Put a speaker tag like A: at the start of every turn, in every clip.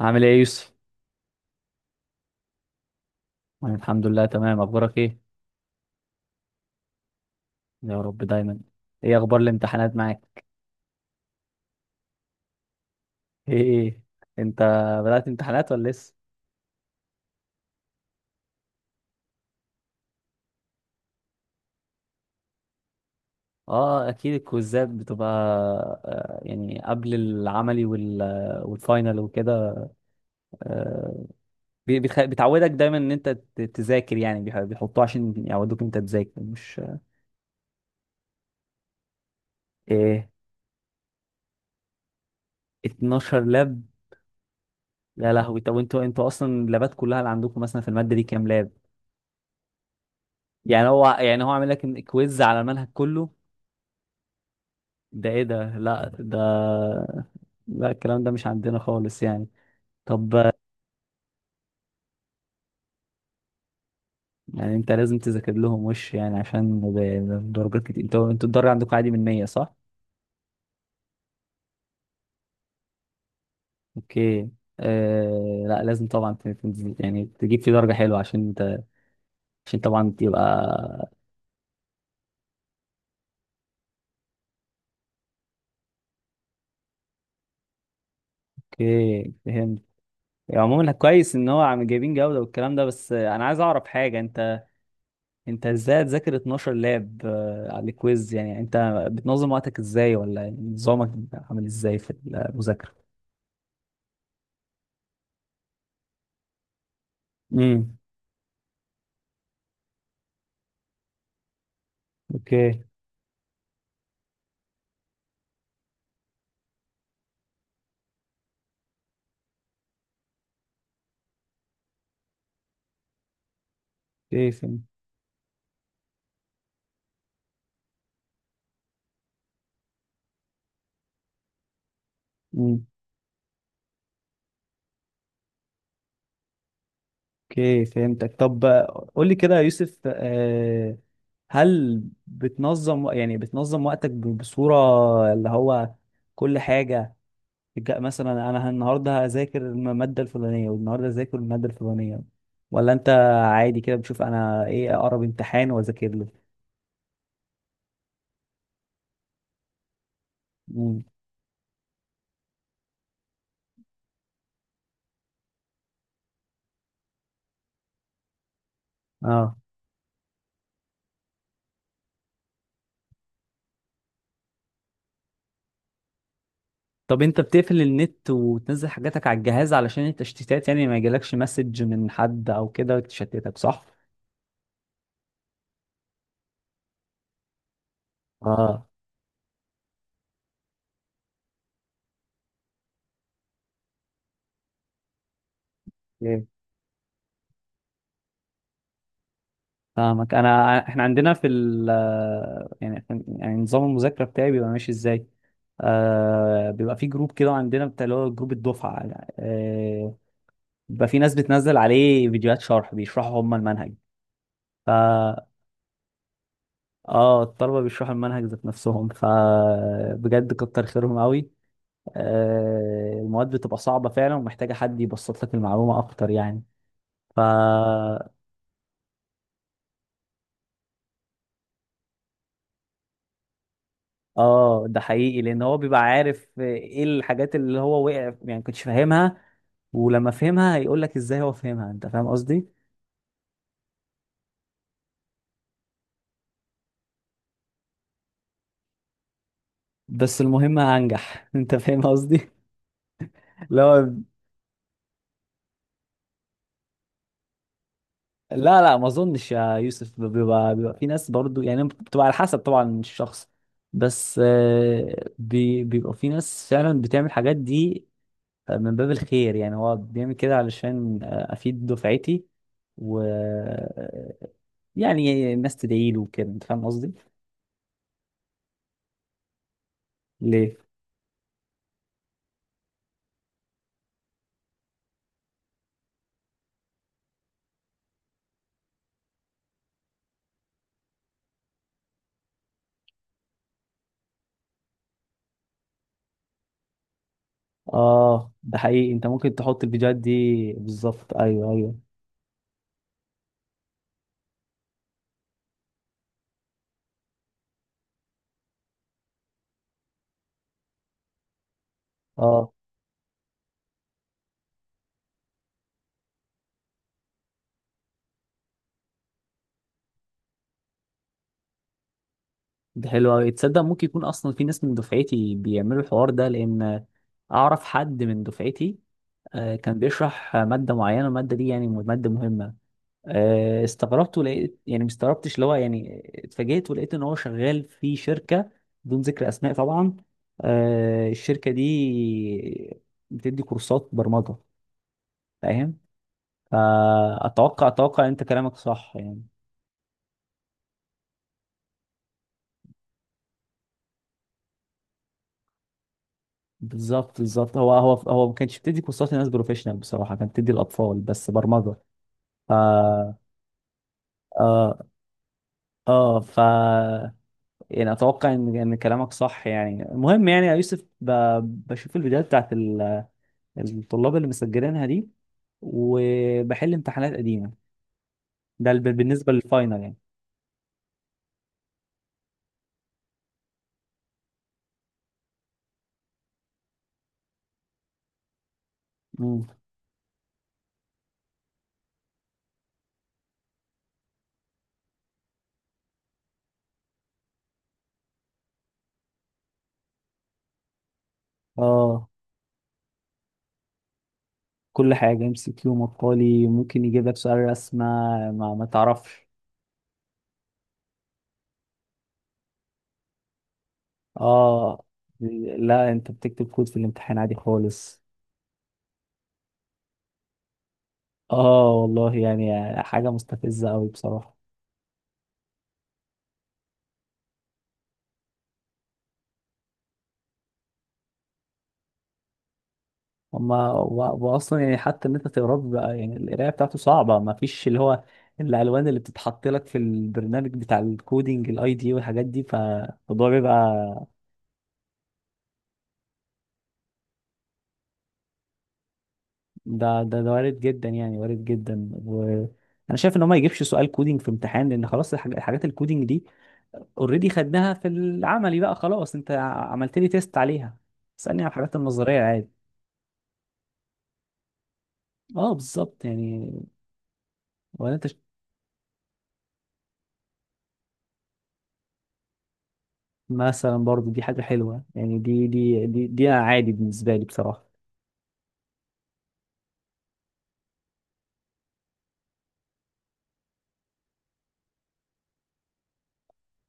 A: عامل ايه يا يوسف؟ أنا الحمد لله تمام، اخبارك ايه؟ يا رب دايما. ايه اخبار الامتحانات معاك؟ ايه، ايه، ايه. انت بدأت امتحانات ولا لسه؟ اه، اكيد الكويزات بتبقى. آه، يعني قبل العملي والفاينل وكده. آه، بتعودك دايما ان انت تذاكر، يعني بيحطوه عشان يعودوك انت تذاكر مش؟ ايه. 12 لاب. يا لهوي، طب انتوا اصلا اللابات كلها اللي عندكم مثلا في المادة دي كام لاب؟ يعني هو عامل لك كويز على المنهج كله. ده ايه ده، لا ده. لا، الكلام ده مش عندنا خالص يعني. طب، يعني انت لازم تذاكر لهم وش يعني، عشان درجات كتير. انتوا الدرجة عندكم عادي من 100 صح؟ اوكي. آه، لا لازم طبعا يعني تجيب فيه درجة حلوة عشان انت، عشان طبعا تبقى. اوكي فهمت. يعني عموما كويس ان هو جايبين جودة والكلام ده، بس انا عايز اعرف حاجة انت. انت ازاي تذاكر 12 لاب آه، على الكويز؟ يعني انت بتنظم وقتك ازاي، ولا يعني نظامك عامل ازاي في المذاكرة؟ امم. اوكي. اوكي فهمت. امم. اوكي فهمتك. طب آه، قول لي كده يا يوسف آه، هل بتنظم، يعني بتنظم وقتك بصورة اللي هو كل حاجة، مثلا انا النهارده هذاكر المادة الفلانية والنهارده هذاكر المادة الفلانية، ولا انت عادي كده بتشوف انا ايه اقرب امتحان واذاكر له؟ اه. طب انت بتقفل النت وتنزل حاجاتك على الجهاز علشان التشتيتات، يعني ما يجيلكش مسج من حد او كده تشتتك صح؟ اه. مم. فاهمك. انا احنا عندنا في ال، يعني، يعني نظام المذاكره بتاعي بيبقى ماشي ازاي؟ آه، بيبقى في جروب كده عندنا بتاع اللي هو جروب الدفعه. آه، بيبقى في ناس بتنزل عليه فيديوهات شرح، بيشرحوا هم المنهج. ف، اه الطلبه بيشرحوا المنهج ذات نفسهم، فبجد كتر خيرهم قوي. آه، المواد بتبقى صعبة فعلا ومحتاجة حد يبسط لك المعلومة أكتر يعني. ف، اه ده حقيقي لأن هو بيبقى عارف ايه الحاجات اللي هو وقع يعني كنتش فاهمها، ولما فهمها هيقول لك ازاي هو فهمها. انت فاهم قصدي؟ بس المهم هنجح. انت فاهم قصدي؟ لا، لا، لا، ما اظنش يا يوسف. بيبقى في ناس برضو، يعني بتبقى على حسب طبعا الشخص. بس آه، بيبقى في ناس فعلا بتعمل الحاجات دي من باب الخير، يعني هو بيعمل كده علشان آه، افيد دفعتي و، يعني الناس تدعي له وكده. انت فاهم قصدي؟ ليه؟ اه، ده حقيقي، انت ممكن تحط الفيديوهات دي بالظبط، ايوه، ايوه. اه، ده حلو قوي، تصدق ممكن يكون اصلا في ناس من دفعتي بيعملوا الحوار ده؟ لان اعرف حد من دفعتي آه، كان بيشرح ماده معينه، الماده دي يعني ماده مهمه. آه، استغربت ولقيت، يعني ما استغربتش، اللي هو يعني اتفاجئت ولقيت ان هو شغال في شركه، بدون ذكر اسماء طبعا. آه، الشركه دي بتدي كورسات برمجه. فاهم؟ فاتوقع انت كلامك صح يعني. بالظبط، بالظبط، هو ما كانش بتدي كورسات لناس بروفيشنال بصراحه، كانت بتدي الاطفال بس برمجه. ف اه. اه ف، يعني اتوقع ان كلامك صح يعني. المهم يعني يا يوسف، بشوف الفيديوهات بتاعت الطلاب اللي مسجلينها دي، وبحل امتحانات قديمة، ده بالنسبة للفاينل يعني. مم. اه، كل حاجة ام سي كيو مقالي، ممكن يجيب لك سؤال رسمة، ما تعرفش. اه. لا، انت بتكتب كود في الامتحان عادي خالص. اه والله، يعني حاجة مستفزة قوي بصراحة. هما واصلا يعني حتى ان انت تقراه بقى، يعني القرايه بتاعته صعبه، ما فيش اللي هو الالوان اللي بتتحط لك في البرنامج بتاع الكودينج، الاي دي والحاجات دي، فالموضوع بيبقى ده وارد جدا، يعني وارد جدا. وانا شايف ان هو ما يجيبش سؤال كودينج في امتحان، لان خلاص الحاجات الكودينج دي اوريدي خدناها في العملي بقى. خلاص، انت عملت لي تيست عليها، اسالني على الحاجات النظريه عادي. اه بالظبط يعني. ولا انت مثلا برضو، دي حاجة حلوة يعني. دي أنا عادي بالنسبة لي بصراحة.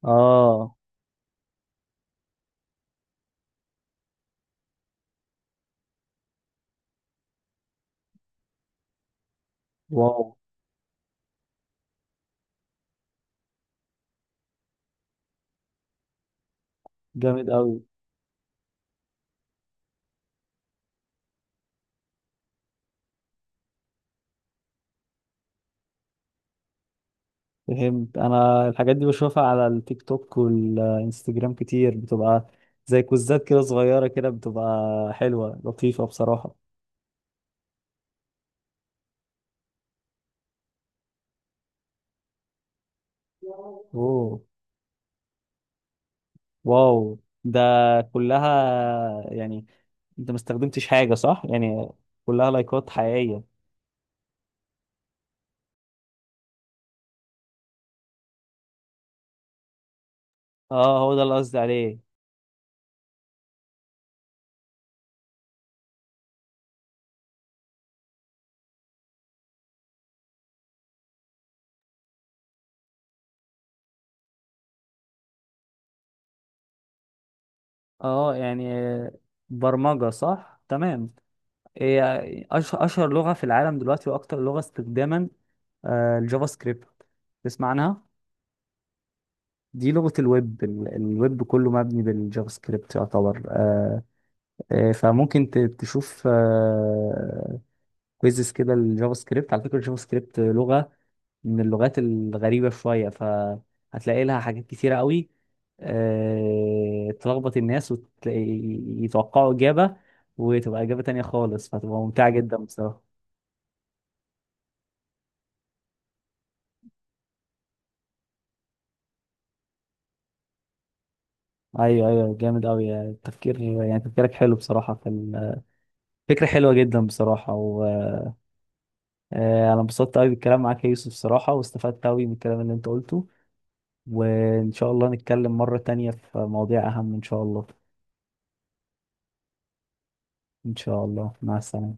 A: آه. واو. جامد أوي. فهمت، أنا الحاجات دي بشوفها على التيك توك والإنستجرام كتير، بتبقى زي كوزات كده صغيرة كده، بتبقى حلوة لطيفة بصراحة. أوه، واو. ده كلها يعني، أنت ما استخدمتش حاجة صح؟ يعني كلها لايكات حقيقية. آه، هو ده اللي قصدي عليه. آه يعني برمجة صح؟ تمام. هي اشهر لغه في العالم دلوقتي، واكتر لغه استخداما. آه، الجافا سكريبت، تسمع عنها؟ دي لغه الويب، الويب كله مبني بالجافا سكريبت يعتبر آه. آه، فممكن تشوف كويزز كده الجافا سكريبت. على فكره الجافا سكريبت لغه من اللغات الغريبه شويه، فهتلاقي لها حاجات كتيره قوي آه، تلخبط الناس ويتوقعوا اجابه وتبقى اجابه تانية خالص، فتبقى ممتعه جدا بصراحه. ايوه، ايوه، جامد قوي يعني التفكير، يعني تفكيرك حلو بصراحه في فكره حلوه جدا بصراحه. وانا انبسطت قوي بالكلام معاك يا يوسف بصراحه، واستفدت قوي من الكلام اللي انت قلته، وان شاء الله نتكلم مره تانية في مواضيع اهم ان شاء الله. ان شاء الله، مع السلامه.